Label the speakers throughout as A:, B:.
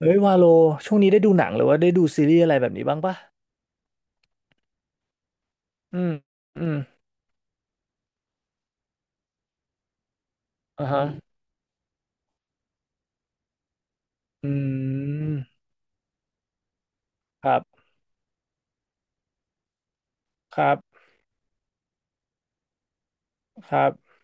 A: เอ้ยวาโลช่วงนี้ได้ดูหนังหรือว่าได้ดูซีรีส์อะไรแบบนี้บ้างปะอืมอืมอ่าฮะอืมครับครับครับ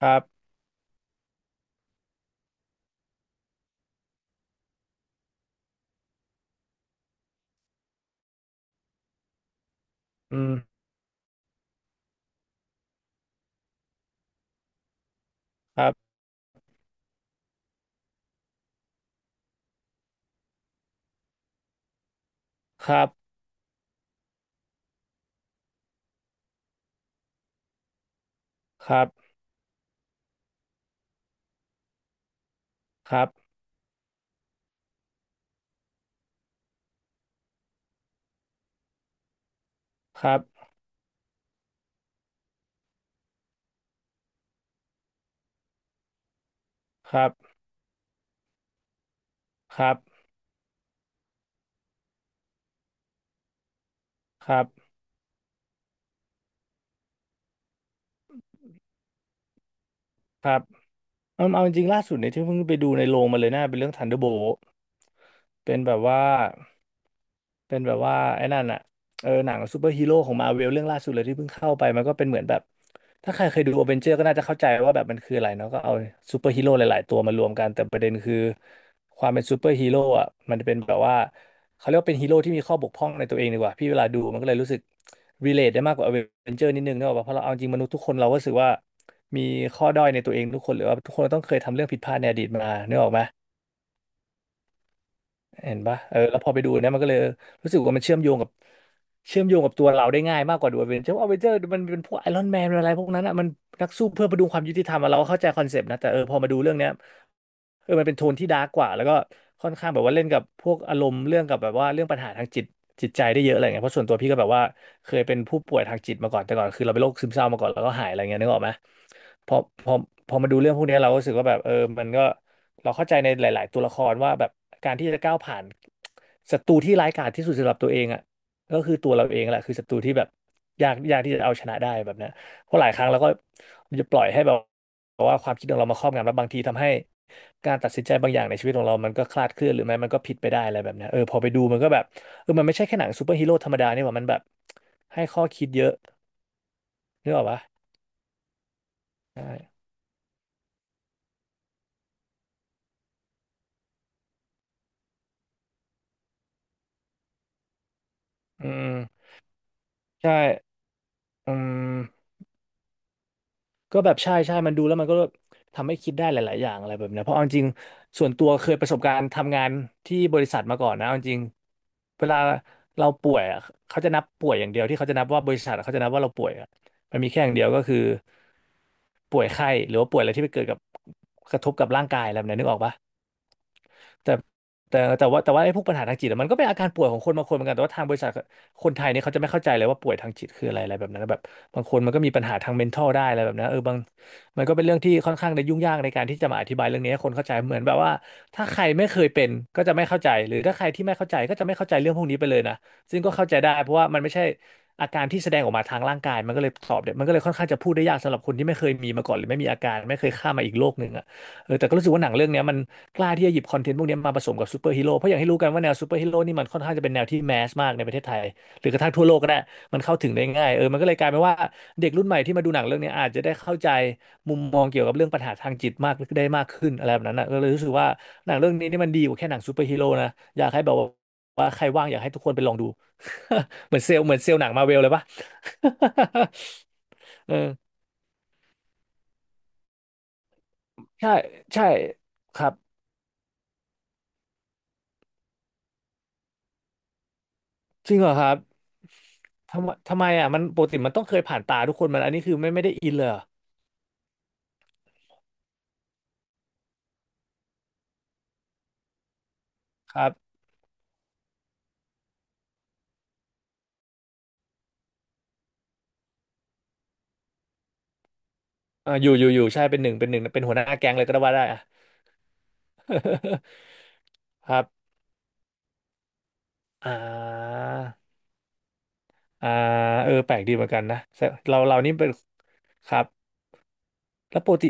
A: ครับอืมครับครับครับครับครับครับครับครับครับ ครับเอาเอาจริงๆล่าสุดเนี่ยที่เพิ่งไปดูในโรงมาเลยนะเป็นเรื่อง Thunderbolt เป็นแบบว่าเป็นแบบว่าไอ้นั่นอะเออหนังซูเปอร์ฮีโร่ของมาเวลเรื่องล่าสุดเลยที่เพิ่งเข้าไปมันก็เป็นเหมือนแบบถ้าใครเคยดูอเวนเจอร์ก็น่าจะเข้าใจว่าแบบมันคืออะไรเนาะก็เอาซูเปอร์ฮีโร่หลายๆตัวมารวมกันแต่ประเด็นคือความเป็นซูเปอร์ฮีโร่อะมันเป็นแบบว่าเขาเรียกว่าเป็นฮีโร่ที่มีข้อบกพร่องในตัวเองดีกว่าพี่เวลาดูมันก็เลยรู้สึกรเลทได้มากกว่าอเวนเจอร์นิดนึงเนกอะเพราะเราเอาจริงมนุษย์ทุกคนเราก็รู้สึกว่า มีข้อด้อยในตัวเองทุกคนหรือว่าทุกคนต้องเคยทำเรื่องผิดพลาดในอดีตมานึกออกไหม เห็นปะเออแล้วพอไปดูเนี่ยมันก็เลยรู้สึกว่ามันเชื่อมโยงกับเชื่อมโยงกับตัวเราได้ง่ายมากกว่าดูอเวนเจอร์อเวนเจอร์มันเป็นพวกไอรอนแมนอะไรพวกนั้นอ่ะมันนักสู้เพื่อประดุงความยุติธรรมอะเราก็เข้าใจคอนเซปต์นะแต่เออพอมาดูเรื่องเนี้ยเออมันเป็นโทนที่ดาร์กกว่าแล้วก็ค่อนข้างแบบว่าเล่นกับพวกอารมณ์เรื่องกับแบบว่าเรื่องปัญหาทางจิตจิตใจได้เยอะอะไรเงี้ยเพราะส่วนตัวพี่ก็แบบว่าเคยเป็นผู้ป่วยทางจิตมาก่อนแต่ก่อนคือเราเป็นโรคซึมเศร้ามาก่อนแล้วก็หายอะไรเงี้ยนึกออกไหมพอพอพอมาดูเรื่องพวกเนี้ยเราก็รู้สึกว่าแบบเออมันก็ เราเข้าใจในหลายๆตัวละครว่าแบบการที่จะก้าวผ่านศัตรูที่ร้ายกาจที่สุดสำหรับตัวเองอ่ะก็คือตัวเราเองแหละคือศัตรูที่แบบยากยากที่จะเอาชนะได้แบบเนี้ยเพราะหลายครั้งเราก็จะปล่อยให้แบบว่าความคิดของเรามาครอบงำแล้วบางทีทำให้การตัดสินใจบางอย่างในชีวิตของเรามันก็คลาดเคลื่อนหรือไม่มันก็ผิดไปได้อะไรแบบเนี้ยเออพอไปดูมันก็แบบเออมันไม่ใช่แค่หนังซูเปอร์ฮีโร่ธรรมดานี่หว่ามันแบบให้ข้อคิดเยอะนึกออกปะใช่อืมใช่อืม ก็แบบใช่ใช่มันดูแล้วมันก็ทำให้คิดได้หลายๆอย่างอะไรแบบเนี้ยเพราะเอาจริงๆส่วนตัวเคยประสบการณ์ทำงานที่บริษัทมาก่อนนะเอาจริงเวลาเราป่วยอะเขาจะนับป่วยอย่างเดียวที่เขาจะนับว่าบริษัทอะเขาจะนับว่าเราป่วยอะมันมีแค่อย่างเดียวก็คือป่วยไข้หรือว่าป่วยอะไรที่ไปเกิดกับกระทบกับร่างกายอะไรแบบเนี้ยนึกออกปะ แต่แต่ว่าไอ้พวกปัญหาทางจิตอะมันก็เป็นอาการป่วยของคนบางคนเหมือนกันแต่ว่าทางบริษัทคนไทยเนี่ยเขาจะไม่เข้าใจเลยว่าป่วยทางจิตคืออะไรอะไรแบบนั้นนะแบบบางคนมันก็มีปัญหาทาง mental ได้อะไรแบบนั้นเออบางมันก็เป็นเรื่องที่ค่อนข้างจะยุ่งยากในการที่จะมาอธิบายเรื่องนี้ให้คนเข้าใจเหมือนแบบว่าถ้าใครไม่เคยเป็นก็จะไม่เข้าใจหรือถ้าใครที่ไม่เข้าใจก็จะไม่เข้าใจเรื่องพวกนี้ไปเลยนะซึ่งก็เข้าใจได้เพราะว่ามันไม่ใช่อาการที่แสดงออกมาทางร่างกายมันก็เลยตอบเนี่ยมันก็เลยค่อนข้างจะพูดได้ยากสำหรับคนที่ไม่เคยมีมาก่อนหรือไม่มีอาการไม่เคยข้ามมาอีกโลกหนึ่งอะ แต่ก็รู้สึกว่าหนังเรื่องเนี้ยมันกล้าที่จะหยิบคอนเทนต์พวกเนี้ยมาผสมกับซูเปอร์ฮีโร่เพราะอย่างที่รู้กันว่าแนวซูเปอร์ฮีโร่นี่มันค่อนข้างจะเป็นแนวที่แมสมากในประเทศไทยหรือกระทั่งทั่วโลกก็ได้มันเข้าถึงได้ง่ายมันก็เลยกลายเป็นว่าเด็กรุ่นใหม่ที่มาดูหนังเรื่องเนี้ยอาจจะได้เข้าใจมุมมองเกี่ยวกับเรื่องปัญหาทางจิตมากได้มากขึ้นอะไรแบบนั้นนะก็เลยรู้สึกว่าหนังเรื่องนี้นี่มันดีกว่าแค่หนังซูเปอร์ฮีโร่นะอยากให้แบบว่าใครว่างอยากให้ทุกคนไปลองดู เหมือนเซลล์เหมือนเซลล์หนังมาเวลเลยปะ เออใช่ใช่ครับจริงเหรอครับ ทำไมอ่ะมันปกติมันต้องเคยผ่านตาทุกคนมันอันนี้คือไม่ได้อินเลยเหรอครับเอออยู่อยู่อยู่ใช่เป็นหนึ่งเป็นหัวหน้าแก๊งเลยก็ได้ว่าได้อ่ะ ครับอ่าอ่าแปลกดีเหมือนกันนะแต่เรานี่เป็นครับแล้วปกติ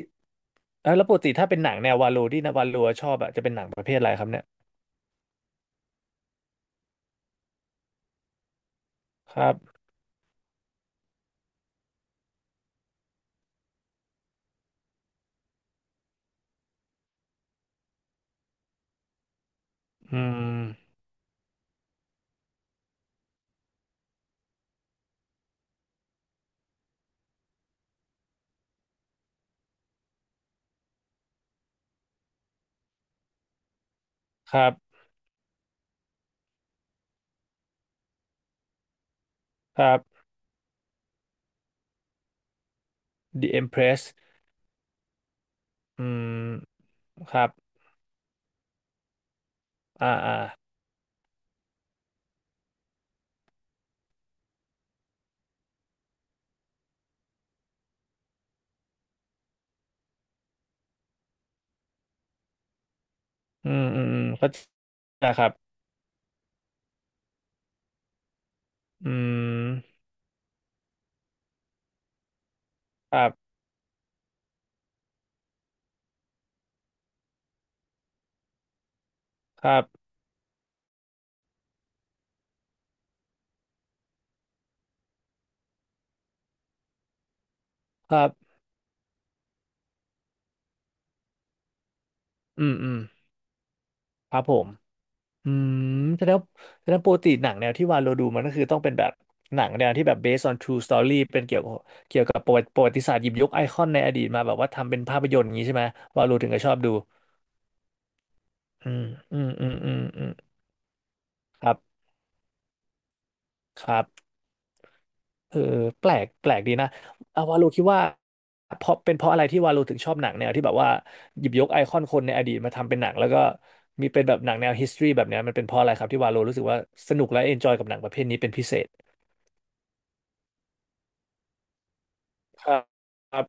A: แล้วปกติถ้าเป็นหนังแนววาโลที่นะวาโลชอบอ่ะจะเป็นหนังประเภทอะไรครับเนี่ยครับอืมครับครับ The Empress อืมครับอ่าอ่าอืมอืมอืมเข้าใจครับอืมครับครับ ครับ อืม อืมครับผม อืมแสดงว่าแสดงว่าปกติหนังแนวที่วาโลดูมันก็คือต้องเป็นแบบหนังแนวที่แบบ based on true story เป็นเกี่ยวกับเกี่ยวกับประวัติศาสตร์หยิบยกไอคอนในอดีตมาแบบว่าทำเป็นภาพยนตร์อย่างนี้ใช่ไหมวาโลถึงก็ชอบดูอืมอืม อืม อืม อืม ครับ ครับ เออแปลกดีนะเอาวาโลคิดว่าเพราะเป็นเพราะอะไรที่วาโลถึงชอบหนังแนวที่แบบว่าหยิบยกไอคอนคนในอดีตมาทำเป็นหนังแล้วก็มีเป็นแบบหนังแนว history แบบเนี้ยมันเป็นเพราะอะไรครับที่วาโลรู้สึกว่าสนุกและเอนจอยกับหนังประเภทนี้เป็นพิเศษครับครับ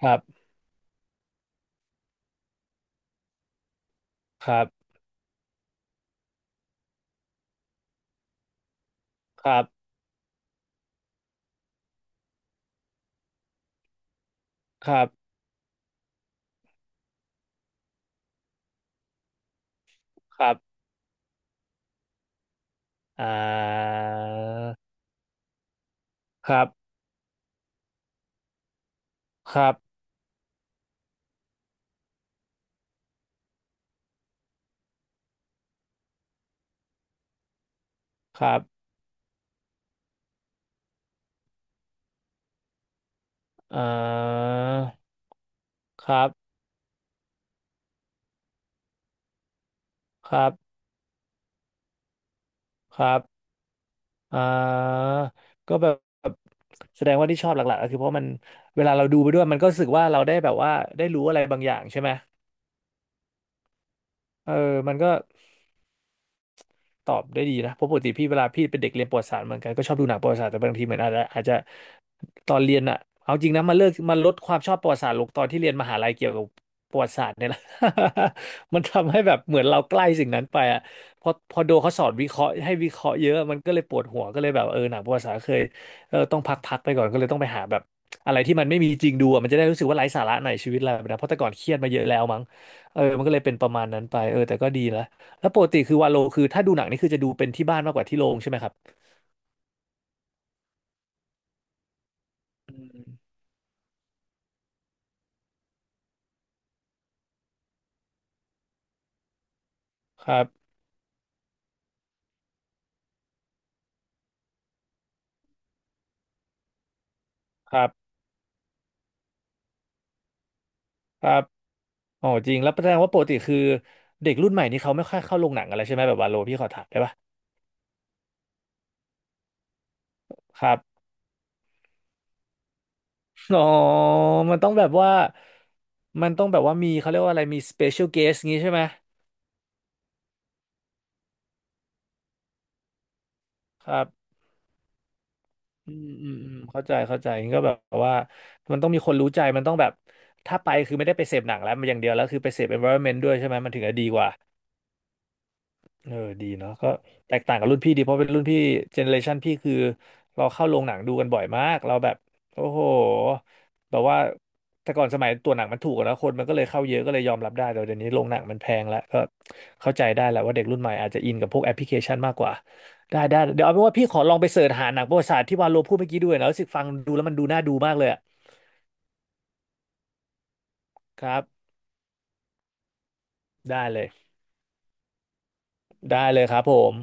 A: ครับครับครับครับอ่าครับครับครับอ่าครับครับครับ อ่าก็แบบแสดงว่าที่ชอบหลักๆก็คือเพราะมันเวลาเราดูไปด้วยมันก็รู้สึกว่าเราได้แบบว่าได้รู้อะไรบางอย่างใช่ไหมเออมันก็ ตอบได้ดีนะเพราะปกติพี่เวลาพี่เป็นเด็กเรียนประวัติศาสตร์เหมือนกันก็ชอบดูหนังประวัติศาสตร์แต่บางทีเหมือนอาจจะตอนเรียนอะเอาจริงนะมาเลิกมาลดความชอบประวัติศาสตร์ลงตอนที่เรียนมหาลัยเกี่ยวกับประวัติศาสตร์เนี่ยแหละ มันทำให้แบบเหมือนเราใกล้สิ่งนั้นไปอะพอโดเขาสอนวิเคราะห์ให้วิเคราะห์เยอะมันก็เลยปวดหัวก็เลยแบบเออหนังประวัติศาสตร์เคยเออต้องพักไปก่อนก็เลยต้องไปหาแบบอะไรที่มันไม่มีจริงดูอะมันจะได้รู้สึกว่าไร้สาระหน่อยชีวิตเราแบบนะเพราะแต่ก่อนเครียดมาเยอะแล้วมั้งมันก็เลยเป็นประมาณนั้นไปเออแต่ก็ดีละ แล้วปกติคือวาโลคือถ้าดูหนังนี่คือจะดูเป็นที่บ้านมากกว่าที่โรงใช่ไหมครับอครับครับครับอ๋อจริงแล้วแสดงว่าปกติคือเด็กรุ่นใหม่นี่เขาไม่ค่อยเข้าโรงหนังอะไรใช่ไหมแบบวาโลพี่ขอถามได้ปะครับ อ๋อมันต้องแบบว่ามันต้องแบบว่ามีเขาเรียกว่าอะไรมี special guest งี้ใช่ไหมครับอืมอืมอืมเข้าใจเข้าใจงั้นก็แบบว่ามันต้องมีคนรู้ใจมันต้องแบบถ้าไปคือไม่ได้ไปเสพหนังแล้วมันอย่างเดียวแล้วคือไปเสพ environment ด้วยใช่ไหมมันถึงจะดีกว่า เออดีเนาะก็แตกต่างกับรุ่นพี่ดีเพราะเป็นรุ่นพี่เจเนอเรชันพี่คือเราเข้าโรงหนังดูกันบ่อยมากเราแบบโอ้โหแบบว่าแต่ก่อนสมัยตัวหนังมันถูกอะนะคนมันก็เลยเข้าเยอะก็เลยยอมรับได้แต่เดี๋ยวนี้โรงหนังมันแพงแล้วก็เข้าใจได้แหละว่าเด็กรุ่นใหม่อาจจะอินกับพวกแอปพลิเคชันมากกว่าได้ได้เดี๋ยวเอาเป็นว่าพี่ขอลองไปเสิร์ชหาหนังประวัติศาสตร์ที่วาโลพูดเมื่อกี้ด้วยนะรู้สึกฟังดูแล้วมันดูน่าดูมากเลยอะครับได้เลยได้เลยครับผม